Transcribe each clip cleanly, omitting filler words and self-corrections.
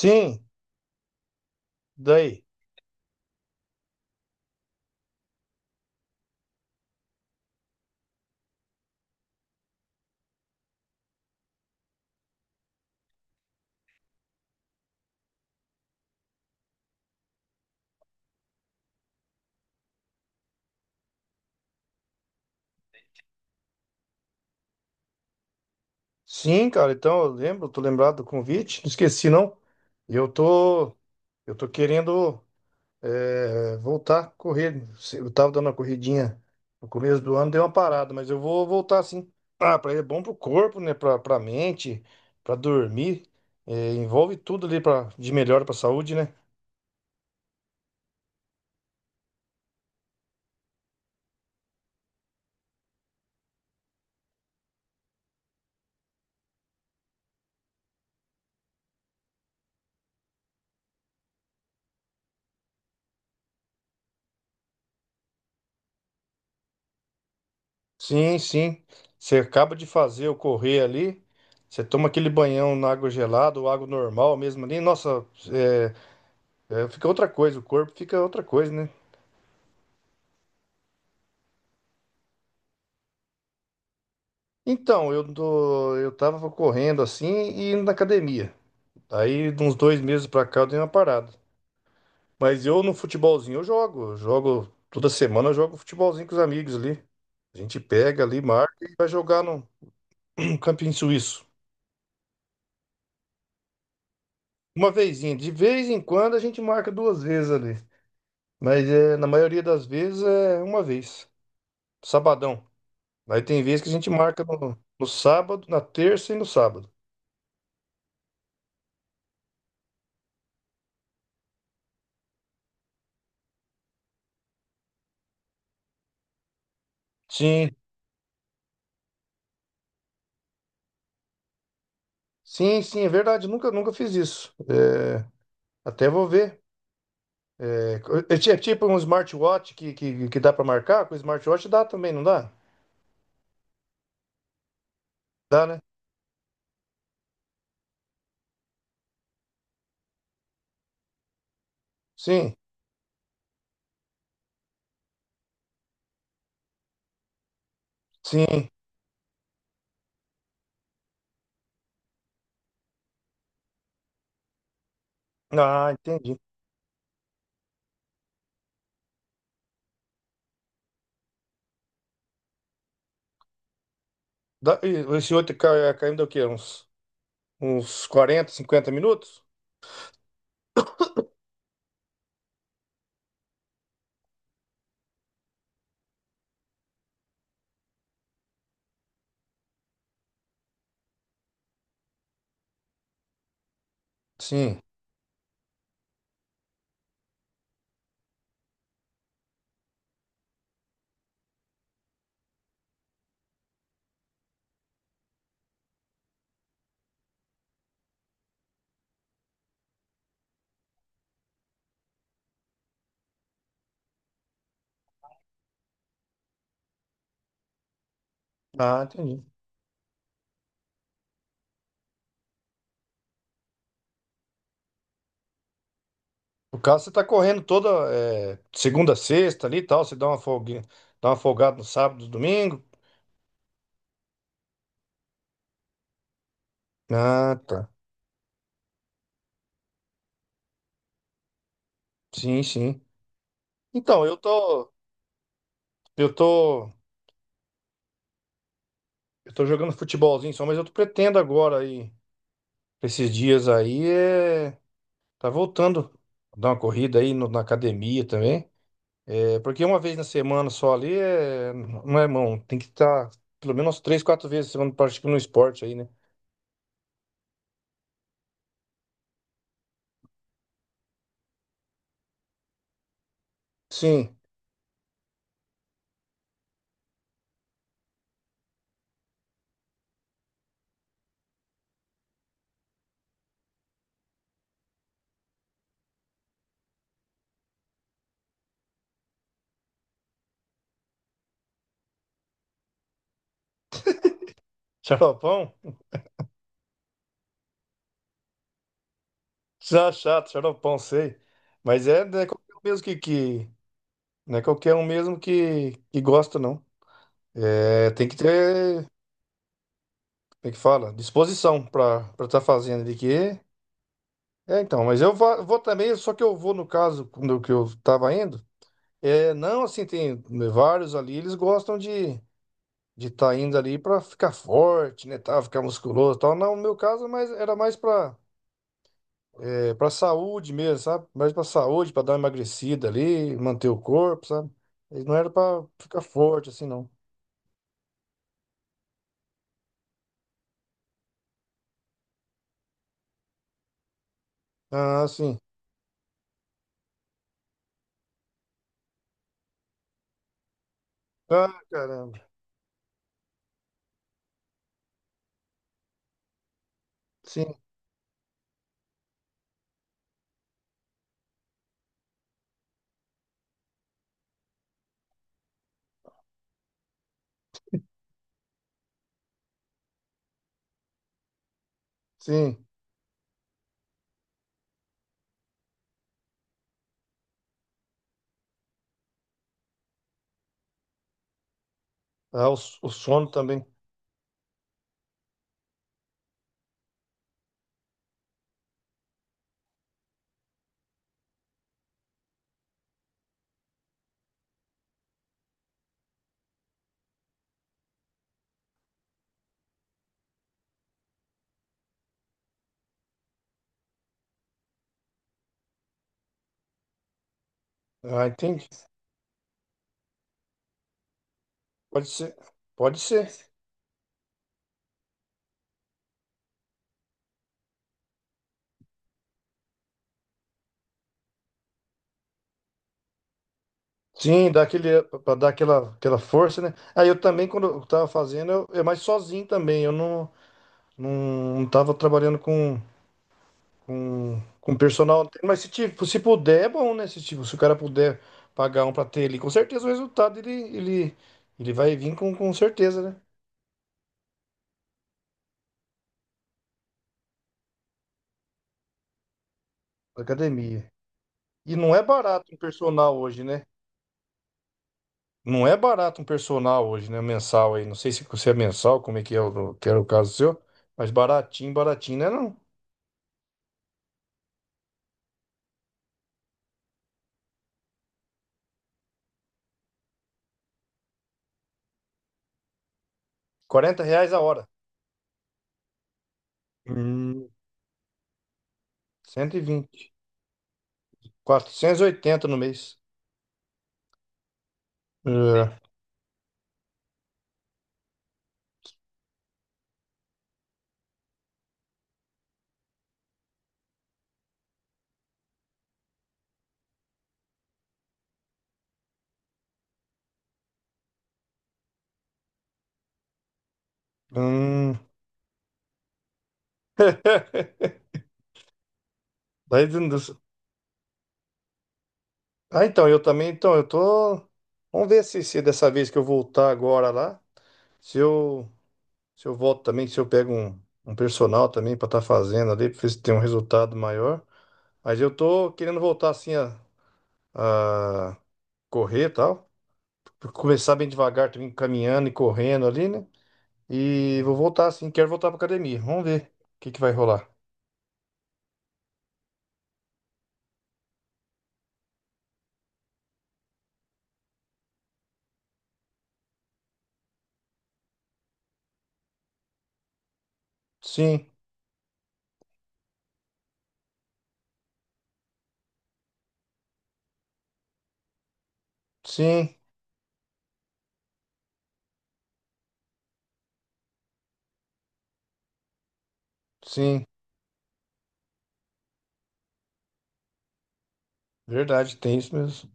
Sim, daí. Sim, cara, então eu lembro, tô lembrado do convite, não esqueci não. Eu tô, eu tô querendo voltar a correr. Eu tava dando uma corridinha no começo do ano, deu uma parada, mas eu vou voltar sim. Ah, é bom pro corpo, né? Pra mente, pra dormir. É, envolve tudo ali de melhor pra saúde, né? Sim, sim. Você acaba de fazer o correr ali, você toma aquele banhão na água gelada ou água normal mesmo ali. Nossa, eh, é, fica outra coisa, o corpo fica outra coisa, né? Então, eu tava correndo assim e indo na academia. Aí, de uns 2 meses pra cá, eu dei uma parada. Mas eu no futebolzinho eu jogo. Eu jogo toda semana, eu jogo futebolzinho com os amigos ali. A gente pega ali, marca e vai jogar no no campinho suíço. Uma vezinha. De vez em quando a gente marca duas vezes ali. Mas é, na maioria das vezes é uma vez. Sabadão. Aí tem vezes que a gente marca no sábado, na terça e no sábado. Sim, sim, sim, é verdade. Nunca, nunca fiz isso. É, até vou ver. É, é tipo um smartwatch que dá para marcar? Com smartwatch dá também, não dá? Dá, né? Sim, sim. Ah, entendi. Dá, e esse outro caindo é o quê? Uns 40, 50 minutos? Sim. Ah, entendi. No caso, você tá correndo toda segunda, sexta ali e tal. Você dá uma folguinha, dá uma folgada no sábado, domingo. Ah, tá. Sim, sim. Então, eu tô. Eu tô. Eu tô jogando futebolzinho só, mas eu tô pretendo agora aí, esses dias aí. Tá voltando a dar uma corrida aí na academia também. É, porque uma vez na semana só ali não é mão, tem que estar pelo menos três, quatro vezes na semana praticando um esporte aí, né? Sim, xaropão? Já chato, xaropão, sei. Mas é, não é qualquer um mesmo que... Não é qualquer um mesmo que gosta, não. É, tem que ter, como é que fala? Disposição pra estar fazendo ali, que. É, então, mas eu vou, também, só que eu vou no caso do que eu tava indo. É, não, assim, tem vários ali, eles gostam de tá indo ali para ficar forte, né, tá, ficar musculoso, e tal. Não, no meu caso, mas era mais para para saúde mesmo, sabe? Mais para saúde, para dar uma emagrecida ali, manter o corpo, sabe? E não era para ficar forte assim, não. Ah, sim. Ah, caramba. Sim, sim. Ah, o sono também. Ah, entendi. Pode ser. Pode ser. Sim, dá aquele, para dar aquela força, né? Aí eu também, quando eu tava fazendo, eu mais sozinho também. Eu não tava trabalhando com personal. Mas se, tipo, se puder, é bom, né? Se, tipo, se o cara puder pagar um pra ter ali, com certeza o resultado ele vai vir com certeza, né? Da academia. E não é barato um personal hoje, né? Não é barato um personal hoje, né? Mensal aí. Não sei se você é mensal, como é que é que era o caso seu, mas baratinho, baratinho, né? Não. R$ 40 a hora. Hum, 120 480 no mês. É. Hum, daí, ah, então, eu também, então, eu tô. Vamos ver se dessa vez que eu voltar agora lá, se eu, se eu volto também, se eu pego um personal também pra estar fazendo ali, pra ver se tem um resultado maior. Mas eu tô querendo voltar assim a correr e tal. Começar bem devagar, também caminhando e correndo ali, né? E vou voltar assim, quero voltar pra academia. Vamos ver o que que vai rolar. Sim, sim. Sim, verdade, tem isso mesmo.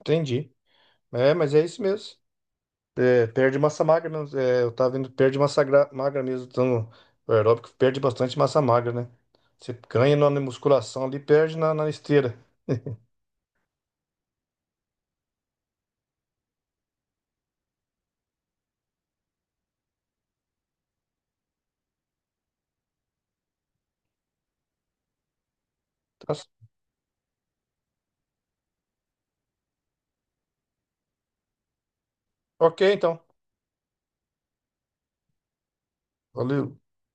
Entendi. É, mas é isso mesmo. É, perde massa magra, mesmo. É, eu tava vendo, perde massa magra mesmo. Então, o aeróbico perde bastante massa magra, né? Você ganha na musculação ali, perde na esteira. Tá c- ok, então. Valeu.